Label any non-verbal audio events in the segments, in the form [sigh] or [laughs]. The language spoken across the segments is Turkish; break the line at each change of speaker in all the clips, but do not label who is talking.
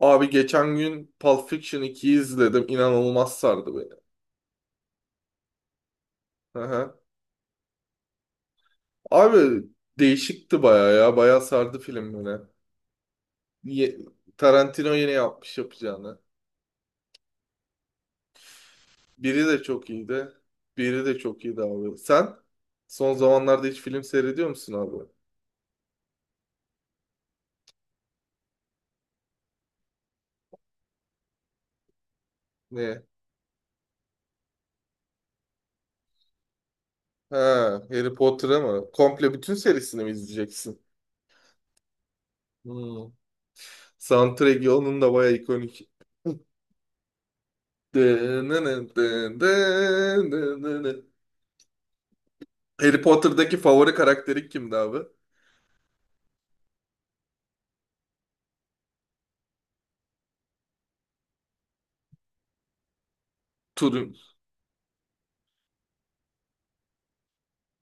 Abi geçen gün Pulp Fiction 2'yi izledim. İnanılmaz sardı beni. Hı hı. Abi değişikti baya ya. Baya sardı film beni. Ye- Tarantino yine yapmış yapacağını. Biri de çok iyiydi. Biri de çok iyiydi abi. Sen son zamanlarda hiç film seyrediyor musun abi? Ne? Ha, Harry Potter'ı mı? Komple bütün serisini mi izleyeceksin? Hmm. Soundtrack'i onun da baya ikonik. Dın dın dın dın dın dın dın. Harry Potter'daki favori karakteri kimdi abi? Turin.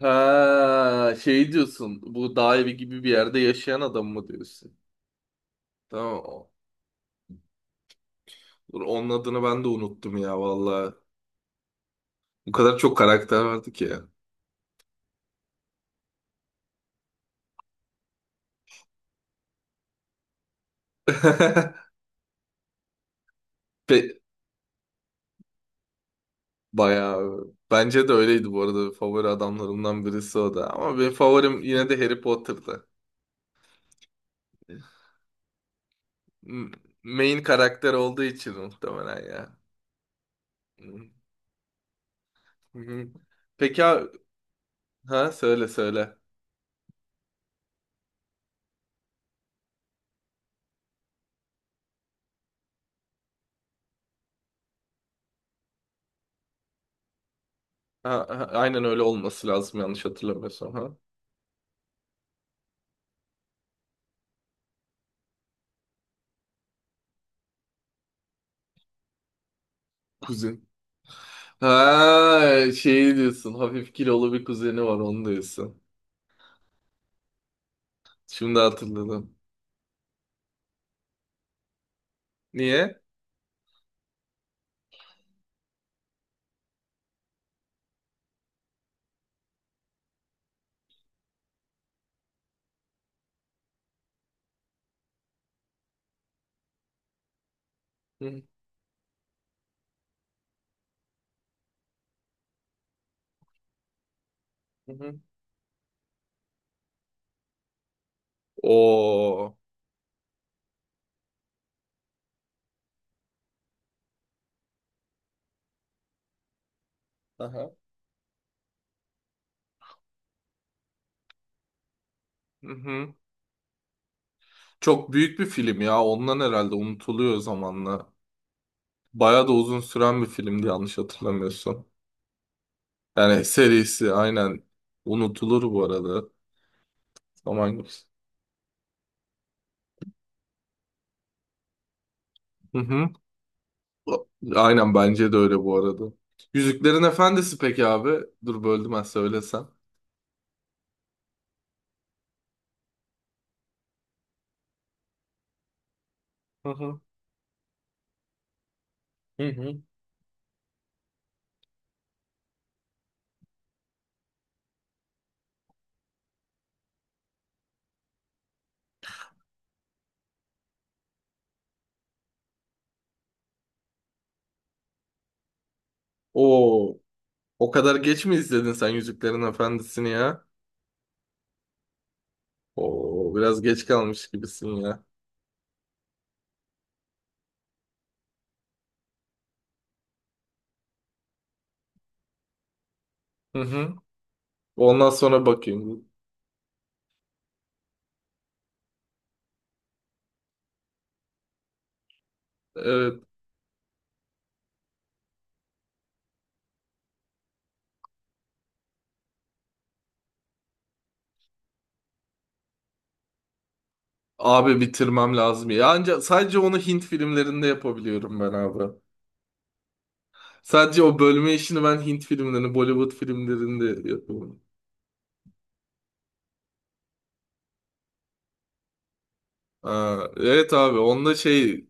Ha, şey diyorsun. Bu dağ evi gibi bir yerde yaşayan adam mı diyorsun? Tamam. Dur, onun adını ben de unuttum ya vallahi. Bu kadar çok karakter vardı ki ya. [laughs] Pe bayağı. Bence de öyleydi bu arada. Favori adamlarımdan birisi o da. Ama benim favorim yine de Harry Potter'dı. M- Main karakter olduğu için muhtemelen ya. Hı hı. Peki abi, ha söyle söyle. Ha, ha, aynen öyle olması lazım yanlış hatırlamıyorsam. Ha? Kuzen. [laughs] Ha, şey diyorsun. Hafif kilolu bir kuzeni var onu diyorsun. Şimdi hatırladım. Niye? Hı hı. Hı. Oo. Aha. Hı hı. Çok büyük bir film ya. Ondan herhalde unutuluyor zamanla. Bayağı da uzun süren bir filmdi yanlış hatırlamıyorsam. Yani serisi aynen unutulur bu arada. Zaman geçti. Hı hı. Aynen bence de öyle bu arada. Yüzüklerin Efendisi peki abi? Dur böldüm ben söylesem. Hı hı. Hı hı. Oo, o kadar geç mi izledin sen Yüzüklerin Efendisi'ni ya? Oo, biraz geç kalmış gibisin ya. Hı hı. Ondan sonra bakayım. Evet, abi bitirmem lazım ya. Ancak sadece onu Hint filmlerinde yapabiliyorum ben abi. Sadece o bölme işini ben Hint filmlerinde, Bollywood filmlerinde yapıyorum. Aa, evet abi onda şey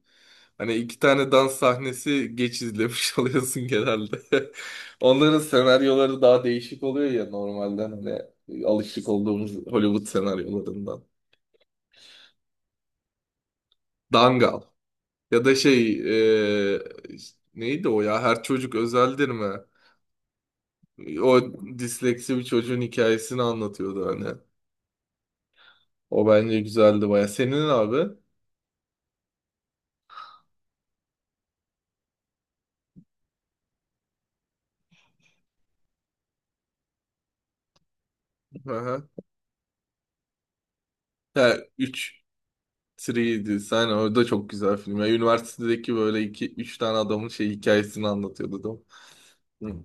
hani iki tane dans sahnesi geç izlemiş [laughs] oluyorsun genelde. [laughs] Onların senaryoları daha değişik oluyor ya normalden hani alışık olduğumuz Hollywood senaryolarından. Dangal ya da şey e, neydi o ya Her Çocuk Özeldir mi? O disleksi bir çocuğun hikayesini anlatıyordu hani. O bence güzeldi baya. Senin abi? Aha. Ha, üç. 3 sen o da çok güzel film. Ya, üniversitedeki böyle iki üç tane adamın şey hikayesini anlatıyordu değil. Hı.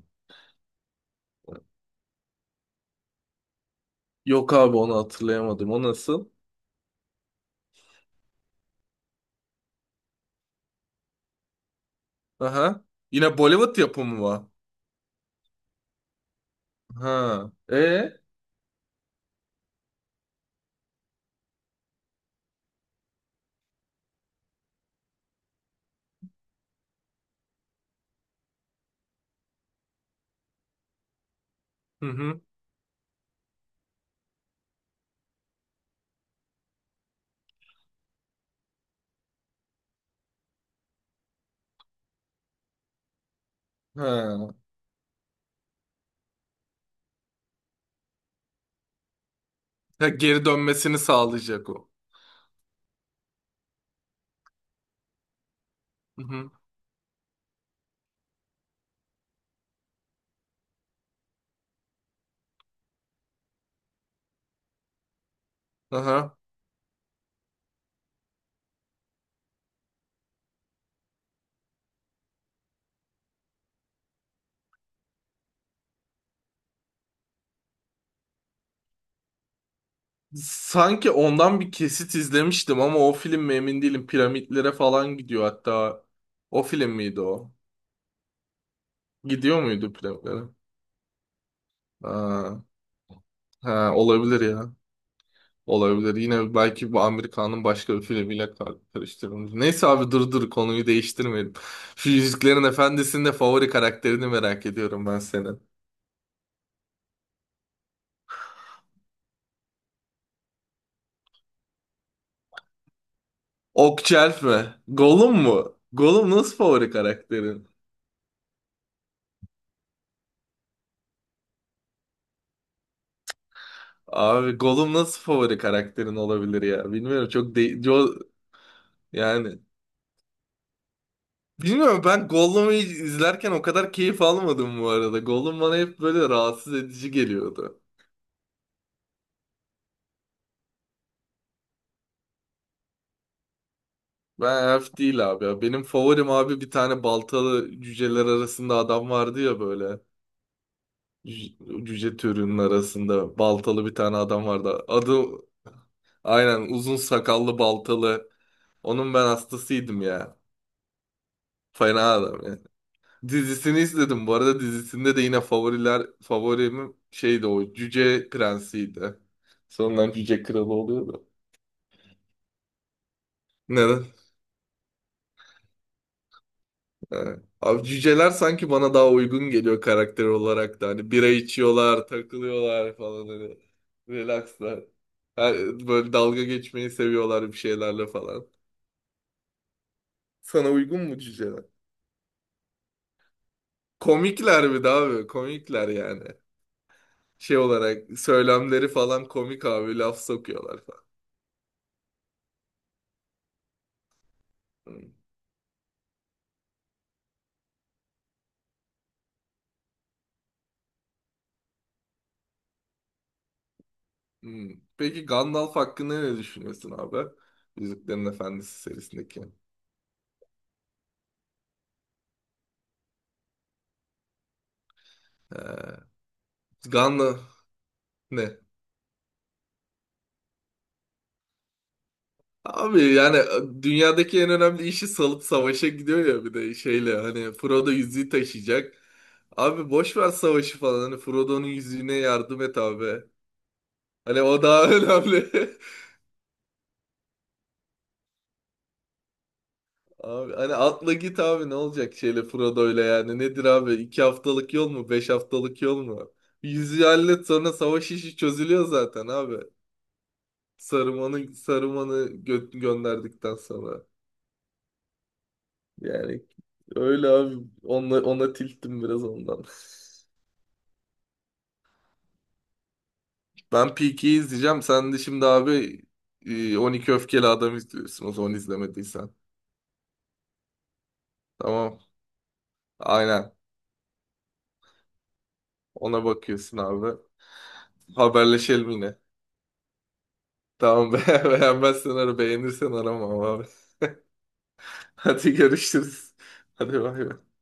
Yok abi onu hatırlayamadım. O nasıl? Aha. Yine Bollywood yapımı var. Ha. E? Hı hı. Ha. Ha, geri dönmesini sağlayacak o. Hı hı. Aha. Sanki ondan bir kesit izlemiştim ama o film mi emin değilim. Piramitlere falan gidiyor hatta. O film miydi o? Gidiyor muydu piramitlere? Ha. Ha, olabilir ya. Olabilir. Yine belki bu Amerikan'ın başka bir filmiyle karıştırılmış. Neyse abi dur dur konuyu değiştirmeyelim. [laughs] Şu Yüzüklerin Efendisi'nin de favori karakterini merak ediyorum ben senin. Okçelf mi? Gollum mu? Gollum nasıl favori karakterin? Abi Gollum nasıl favori karakterin olabilir ya? Bilmiyorum çok yani bilmiyorum ben Gollum'u izlerken o kadar keyif almadım bu arada. Gollum bana hep böyle rahatsız edici geliyordu. Ben elf değil abi ya. Benim favorim abi bir tane baltalı cüceler arasında adam vardı ya böyle. Cüce, cüce türünün arasında baltalı bir tane adam vardı. Adı aynen uzun sakallı baltalı. Onun ben hastasıydım ya. Fena adam ya. Dizisini izledim. Bu arada dizisinde de yine favorim şeydi o cüce prensiydi. Sonradan cüce kralı oluyordu. Neden? He. Abi cüceler sanki bana daha uygun geliyor karakter olarak da. Hani bira içiyorlar, takılıyorlar falan hani. Relaxlar. Ha, böyle dalga geçmeyi seviyorlar bir şeylerle falan. Sana uygun mu cüceler? Komikler bir de abi. Komikler yani. Şey olarak söylemleri falan komik abi. Laf sokuyorlar falan. Hmm. Hmm. Peki Gandalf hakkında ne düşünüyorsun abi? Yüzüklerin Efendisi serisindeki. Ee, Gandalf ne? Abi yani dünyadaki en önemli işi salıp savaşa gidiyor ya bir de şeyle hani Frodo yüzüğü taşıyacak. Abi boş ver savaşı falan hani Frodo'nun yüzüğüne yardım et abi. Hani o daha [laughs] önemli. Abi hani atla git abi ne olacak şeyle Frodo'yla yani nedir abi iki haftalık yol mu beş haftalık yol mu? Bir Yüzüğü hallet sonra savaş işi çözülüyor zaten abi. Saruman'ı gönderdikten sonra. Yani öyle abi ona tilttim biraz ondan. [laughs] Ben Peaky'yi izleyeceğim. Sen de şimdi abi 12 Öfkeli Adam izliyorsun o zaman izlemediysen. Tamam. Aynen. Ona bakıyorsun abi. Haberleşelim yine. Tamam be [laughs] beğenmezsen ara beğenirsen arama abi. [laughs] Hadi görüşürüz. Hadi bay bay.